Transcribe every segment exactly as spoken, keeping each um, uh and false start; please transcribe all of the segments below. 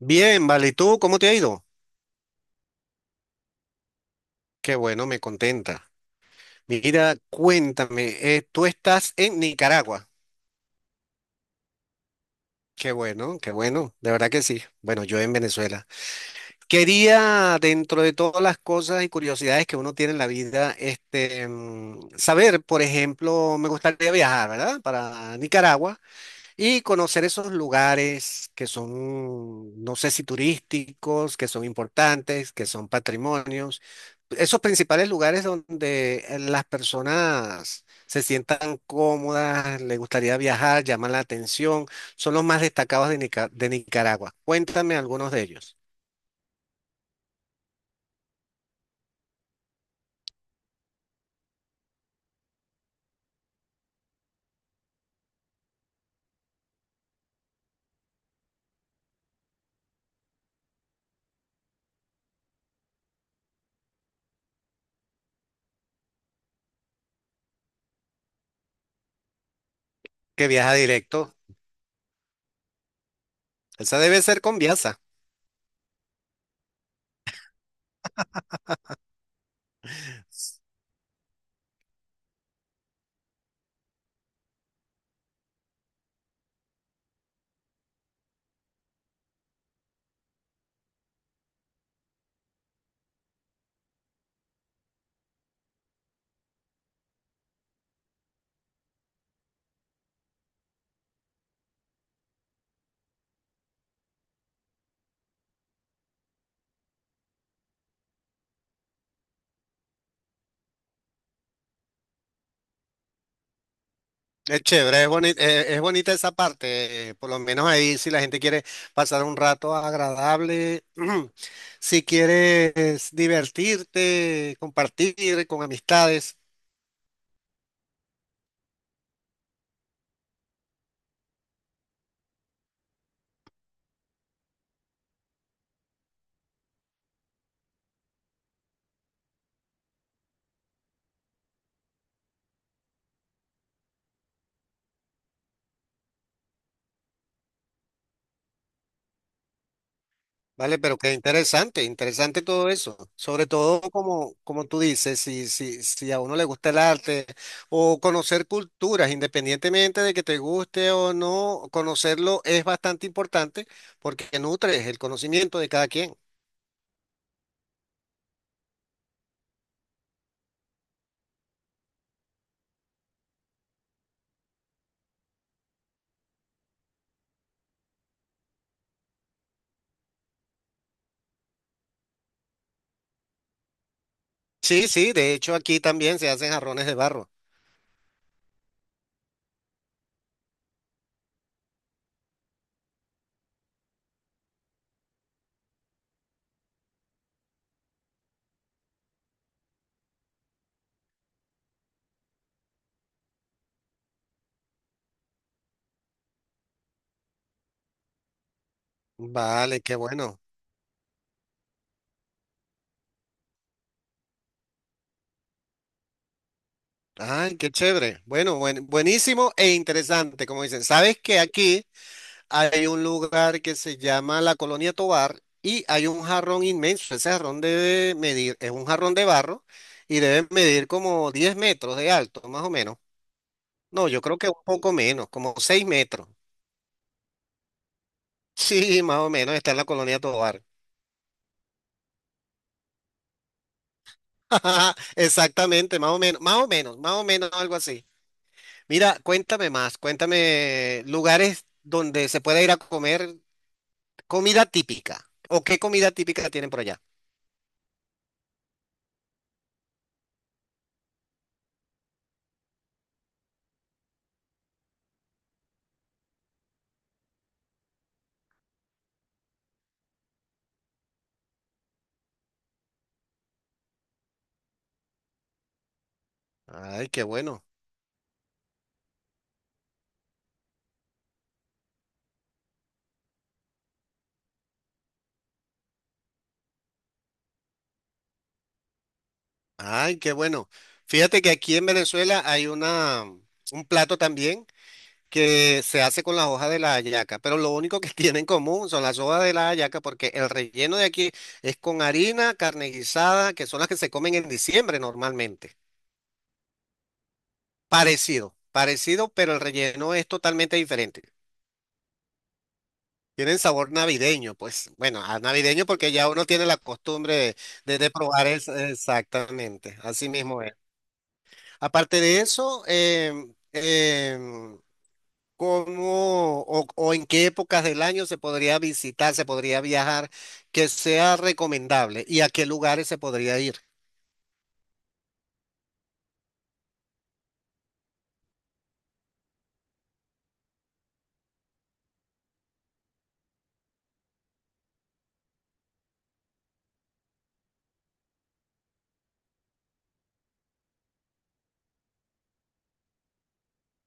Bien, vale. ¿Y tú cómo te ha ido? Qué bueno, me contenta. Mira, cuéntame, eh, tú estás en Nicaragua. Qué bueno, qué bueno, de verdad que sí. Bueno, yo en Venezuela. Quería, dentro de todas las cosas y curiosidades que uno tiene en la vida, este, mm, saber, por ejemplo, me gustaría viajar, ¿verdad? Para Nicaragua. Y conocer esos lugares que son, no sé si turísticos, que son importantes, que son patrimonios, esos principales lugares donde eh, las personas se sientan cómodas, les gustaría viajar, llaman la atención, son los más destacados de, Nica- de Nicaragua. Cuéntame algunos de ellos. Que viaja directo. Esa debe ser con Viasa. Es chévere, es bonita, es bonita esa parte, eh, por lo menos ahí si la gente quiere pasar un rato agradable, si quieres divertirte, compartir con amistades, ¿vale? Pero qué interesante, interesante todo eso, sobre todo como, como tú dices, si, si, si a uno le gusta el arte o conocer culturas, independientemente de que te guste o no, conocerlo es bastante importante porque nutres el conocimiento de cada quien. Sí, sí, de hecho aquí también se hacen jarrones de barro. Vale, qué bueno. Ay, qué chévere. Bueno, buen- buenísimo e interesante, como dicen. Sabes que aquí hay un lugar que se llama la Colonia Tovar y hay un jarrón inmenso. Ese jarrón debe medir, es un jarrón de barro y debe medir como diez metros de alto, más o menos. No, yo creo que un poco menos, como seis metros. Sí, más o menos está en la Colonia Tovar. Exactamente, más o menos, más o menos, más o menos algo así. Mira, cuéntame más, cuéntame lugares donde se pueda ir a comer comida típica. ¿O qué comida típica tienen por allá? Ay, qué bueno, ay, qué bueno. Fíjate que aquí en Venezuela hay una, un plato también que se hace con las hojas de la hallaca, pero lo único que tiene en común son las hojas de la hallaca porque el relleno de aquí es con harina, carne guisada, que son las que se comen en diciembre normalmente. Parecido, parecido, pero el relleno es totalmente diferente. Tienen sabor navideño, pues bueno, a navideño porque ya uno tiene la costumbre de, de- de probar es- exactamente, así mismo es. Aparte de eso, em, em, ¿cómo o, o en qué épocas del año se podría visitar, se podría viajar, que sea recomendable y a qué lugares se podría ir?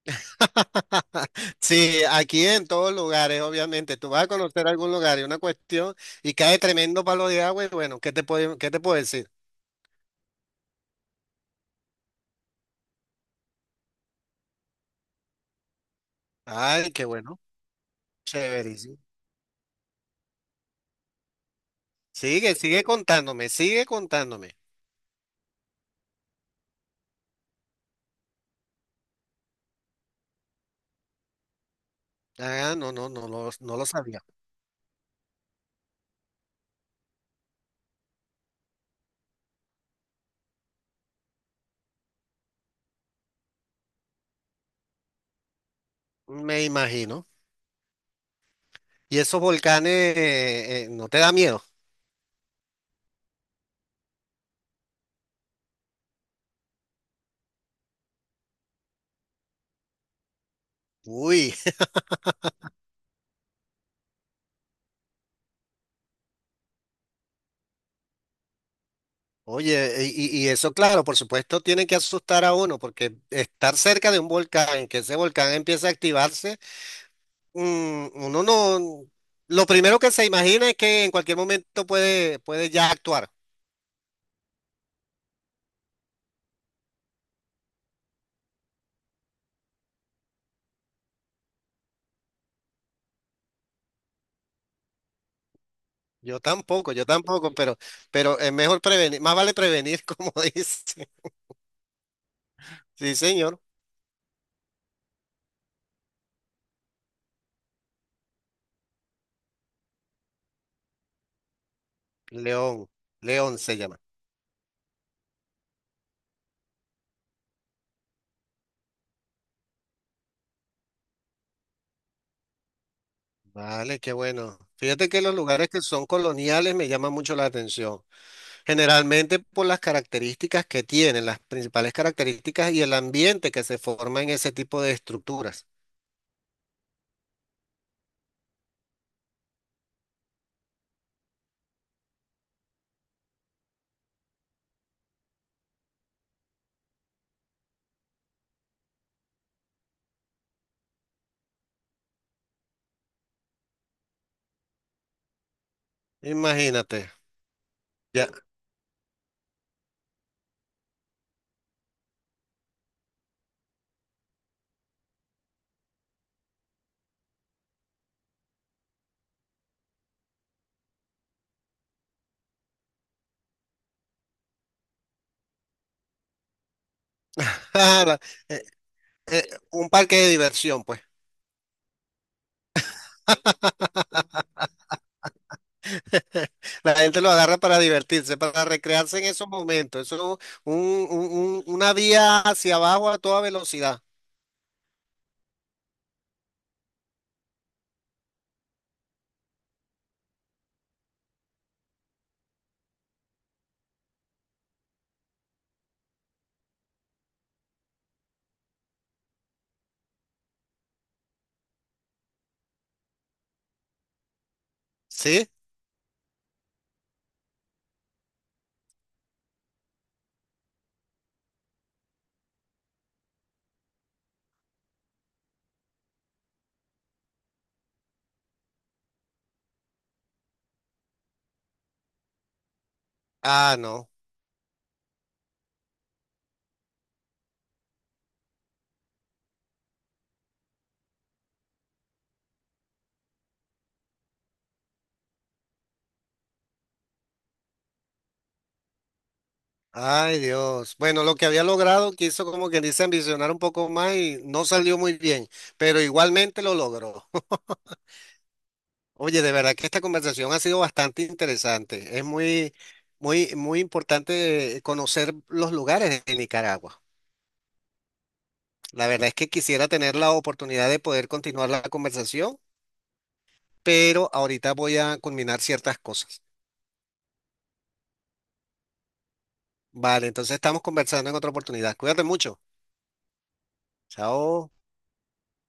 Sí, aquí en todos lugares, obviamente. Tú vas a conocer algún lugar y una cuestión y cae tremendo palo de agua y bueno, ¿qué te puedo, qué te puedo decir? Ay, qué bueno. Chéverísimo. Sigue, sigue contándome, sigue contándome. Ah, no, no, no lo, no lo sabía. Me imagino. ¿Y esos volcanes eh, eh, no te da miedo? Uy, oye, y, y- y eso, claro, por supuesto, tiene que asustar a uno, porque estar cerca de un volcán, que ese volcán empiece a activarse, mm, uno no. Lo primero que se imagina es que en cualquier momento puede, puede ya actuar. Yo tampoco, yo tampoco, pero, pero es mejor prevenir, más vale prevenir, como dice. Sí, señor. León, León se llama. Vale, qué bueno. Fíjate que los lugares que son coloniales me llaman mucho la atención, generalmente por las características que tienen, las principales características y el ambiente que se forma en ese tipo de estructuras. Imagínate, ya, ah, la- eh, eh, un parque de diversión, pues. La gente lo agarra para divertirse, para recrearse en esos momentos. Eso es un- un- un- una vía hacia abajo a toda velocidad. ¿Sí? Ah, no. Ay, Dios. Bueno, lo que había logrado quiso como quien dice ambicionar un poco más y no salió muy bien, pero igualmente lo logró. Oye, de verdad que esta conversación ha sido bastante interesante. Es muy, muy, muy importante conocer los lugares de Nicaragua. La verdad es que quisiera tener la oportunidad de poder continuar la conversación, pero ahorita voy a culminar ciertas cosas. Vale, entonces estamos conversando en otra oportunidad. Cuídate mucho. Chao.